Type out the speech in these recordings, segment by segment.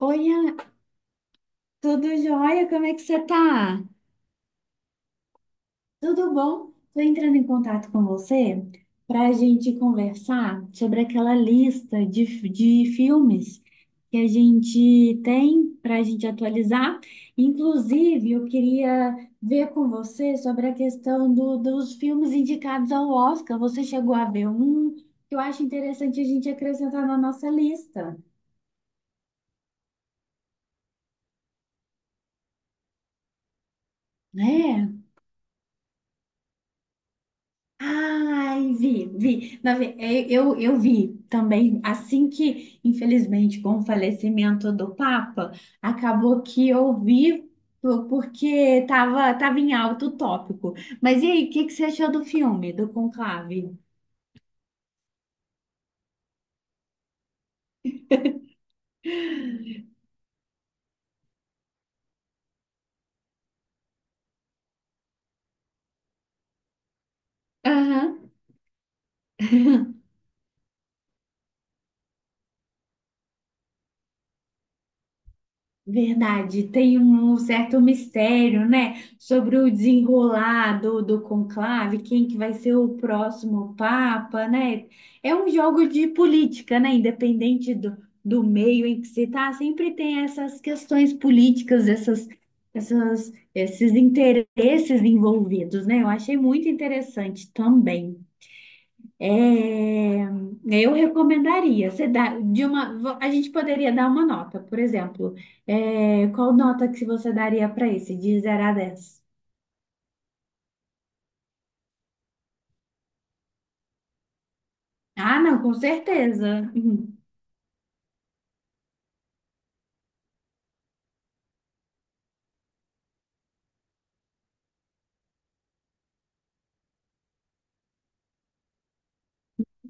Oi, Ana, tudo jóia? Como é que você tá? Tudo bom? Tô entrando em contato com você para a gente conversar sobre aquela lista de filmes que a gente tem para a gente atualizar. Inclusive, eu queria ver com você sobre a questão dos filmes indicados ao Oscar. Você chegou a ver um que eu acho interessante a gente acrescentar na nossa lista, né? Ai, vi, vi. Eu vi também, assim que, infelizmente, com o falecimento do Papa, acabou que eu vi porque tava em alto o tópico. Mas e aí, o que, que você achou do filme, do Conclave? Aham. Verdade, tem um certo mistério, né, sobre o desenrolar do conclave, quem que vai ser o próximo papa, né? É um jogo de política, né? Independente do meio em que se está sempre tem essas questões políticas, esses interesses envolvidos, né? Eu achei muito interessante também. É, eu recomendaria, você dá de uma, a gente poderia dar uma nota, por exemplo, qual nota que você daria para esse de zero a 10? Ah, não, com certeza. Uhum,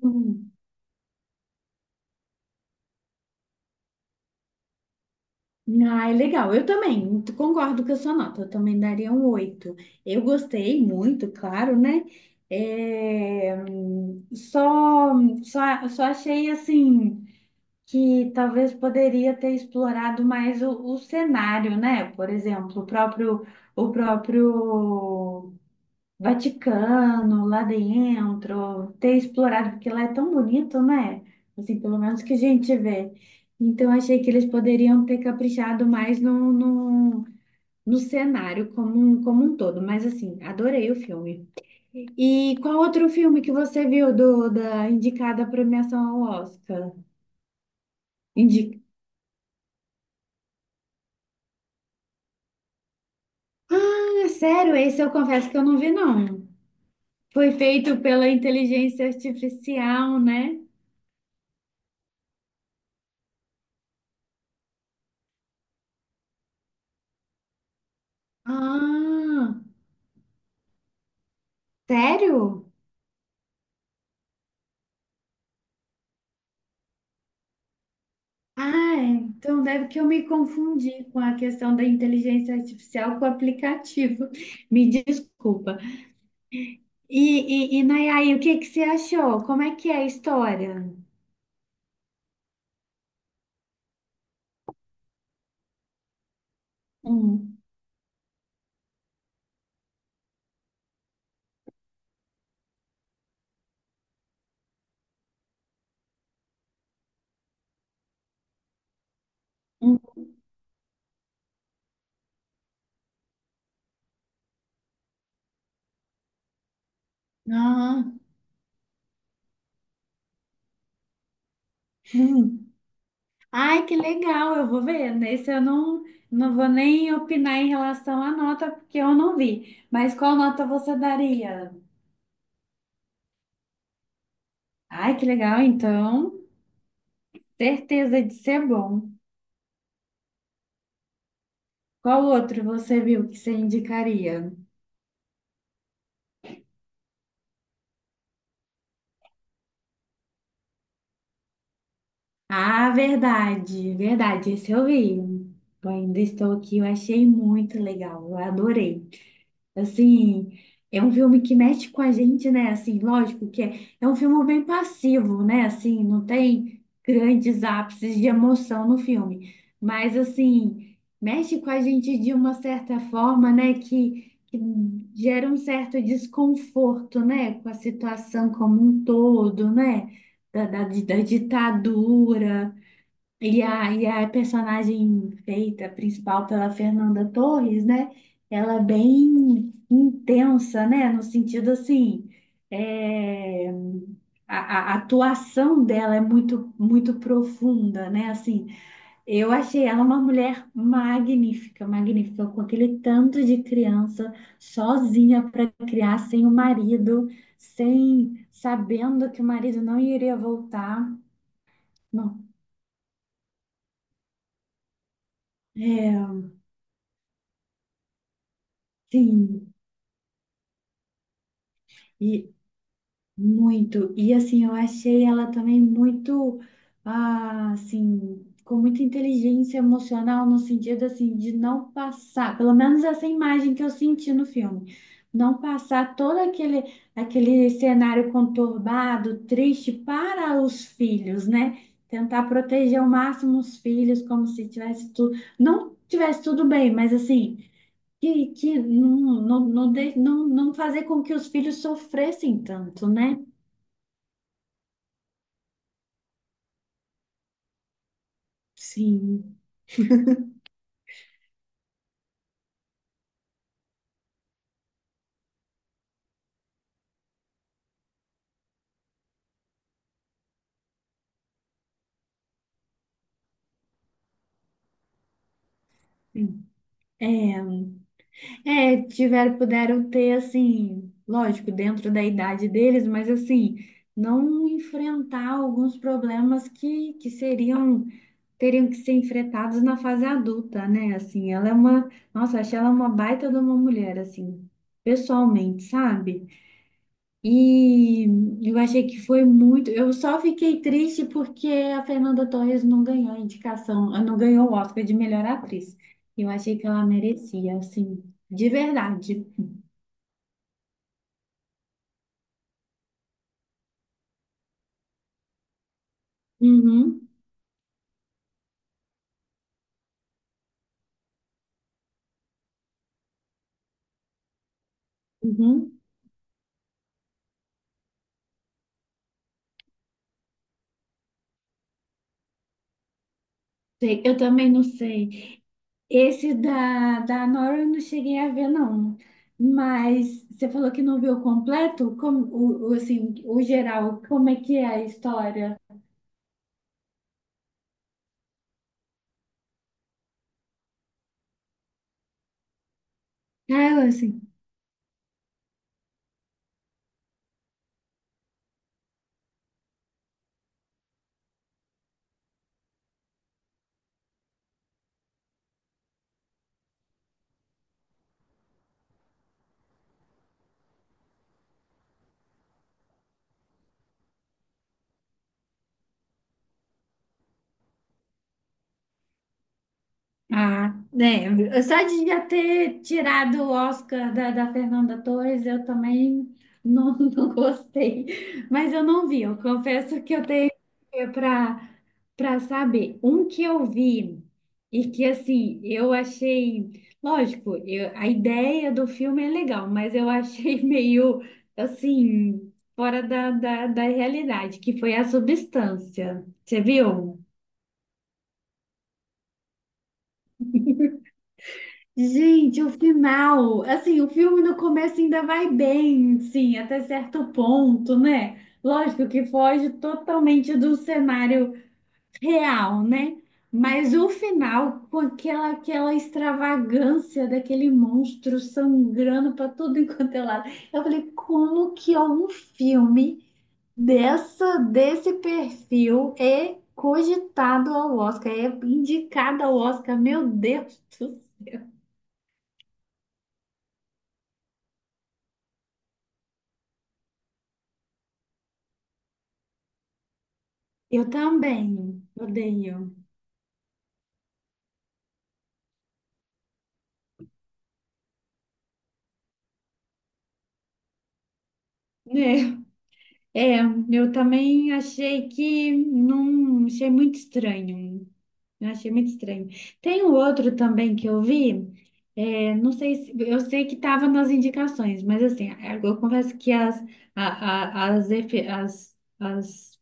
uhum. Ah, é legal. Eu também concordo com a sua nota, eu também daria um 8. Eu gostei muito, claro, né? É, só achei assim. Que talvez poderia ter explorado mais o cenário, né? Por exemplo, o próprio Vaticano lá dentro, ter explorado, porque lá é tão bonito, né? Assim, pelo menos que a gente vê. Então, achei que eles poderiam ter caprichado mais no cenário como um todo. Mas, assim, adorei o filme. E qual outro filme que você viu da indicada à premiação ao Oscar? Ah, sério, esse eu confesso que eu não vi, não. Foi feito pela inteligência artificial, né? Ah, sério? Ah, então deve que eu me confundi com a questão da inteligência artificial com o aplicativo. Me desculpa. E, e Nayai, o que que você achou? Como é que é a história? Hum, hum, ah, Ai, que legal, eu vou ver. Nesse eu não vou nem opinar em relação à nota, porque eu não vi. Mas qual nota você daria? Ai, que legal, então, certeza de ser bom. Qual outro você viu que você indicaria? Ah, verdade, verdade, esse eu vi. Eu ainda estou aqui, eu achei muito legal, eu adorei. Assim, é um filme que mexe com a gente, né? Assim, lógico que é um filme bem passivo, né? Assim, não tem grandes ápices de emoção no filme, mas assim, mexe com a gente de uma certa forma, né? Que gera um certo desconforto, né? Com a situação como um todo, né? Da ditadura. E a personagem feita principal pela Fernanda Torres, né? Ela é bem intensa, né? No sentido assim, é, a atuação dela é muito, muito profunda, né? Assim, eu achei ela uma mulher magnífica, magnífica, com aquele tanto de criança sozinha para criar, sem o marido, sem sabendo que o marido não iria voltar. Não, é, sim. E muito. E assim, eu achei ela também muito, ah, assim, com muita inteligência emocional, no sentido assim, de não passar, pelo menos essa imagem que eu senti no filme, não passar todo aquele, cenário conturbado, triste para os filhos, né? Tentar proteger ao máximo os filhos, como se tivesse tudo, não tivesse tudo bem, mas assim que não fazer com que os filhos sofressem tanto, né? Sim. Sim. É, tiveram, puderam ter, assim, lógico, dentro da idade deles, mas assim, não enfrentar alguns problemas que seriam, teriam que ser enfrentados na fase adulta, né? Assim, ela é uma, nossa, achei ela uma baita de uma mulher, assim, pessoalmente, sabe? E eu achei que foi muito. Eu só fiquei triste porque a Fernanda Torres não ganhou a indicação, ah, não ganhou o Oscar de melhor atriz. Eu achei que ela merecia, assim, de verdade. Uhum, uhum. Sei, eu também não sei. Esse da Nora eu não cheguei a ver, não. Mas você falou que não viu completo? Como, o, assim, o geral, como é que é a história? Ah, eu, assim, ah, né? Só de já ter tirado o Oscar da Fernanda Torres, eu também não, não gostei. Mas eu não vi, eu confesso que eu tenho para para saber. Um que eu vi e que, assim, eu achei. Lógico, a ideia do filme é legal, mas eu achei meio, assim, fora da realidade, que foi a substância. Você viu? Gente, o final, assim, o filme no começo ainda vai bem, sim, até certo ponto, né? Lógico que foge totalmente do cenário real, né? Mas o final, com aquela, extravagância daquele monstro sangrando para tudo enquanto é lado, eu falei, como que é um filme desse perfil é cogitado ao Oscar, é indicado ao Oscar, meu Deus! Eu também odeio. É, é, eu também achei que não, achei muito estranho. Eu achei muito estranho. Tem um outro também que eu vi, não sei se, eu sei que estava nas indicações, mas assim, eu confesso que as, a- as, efe- as, as,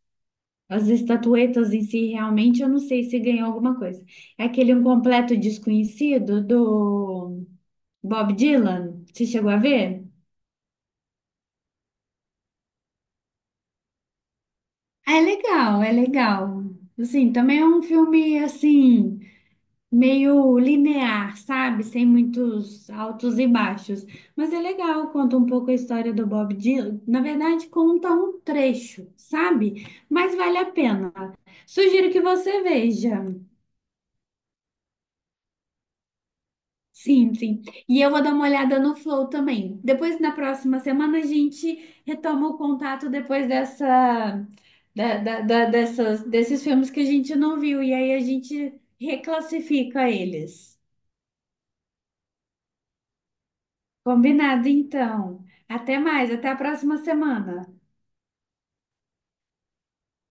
as estatuetas em si, realmente, eu não sei se ganhou alguma coisa. É aquele Um Completo Desconhecido do Bob Dylan, você chegou a ver? É legal, é legal. Assim, também é um filme assim meio linear, sabe? Sem muitos altos e baixos, mas é legal, conta um pouco a história do Bob Dylan. Na verdade, conta um trecho, sabe? Mas vale a pena. Sugiro que você veja. Sim, sim. E eu vou dar uma olhada no Flow também. Depois, na próxima semana, a gente retoma o contato depois dessa, da, da- da- dessas, desses filmes que a gente não viu. E aí a gente reclassifica eles. Combinado, então. Até mais, até a próxima semana.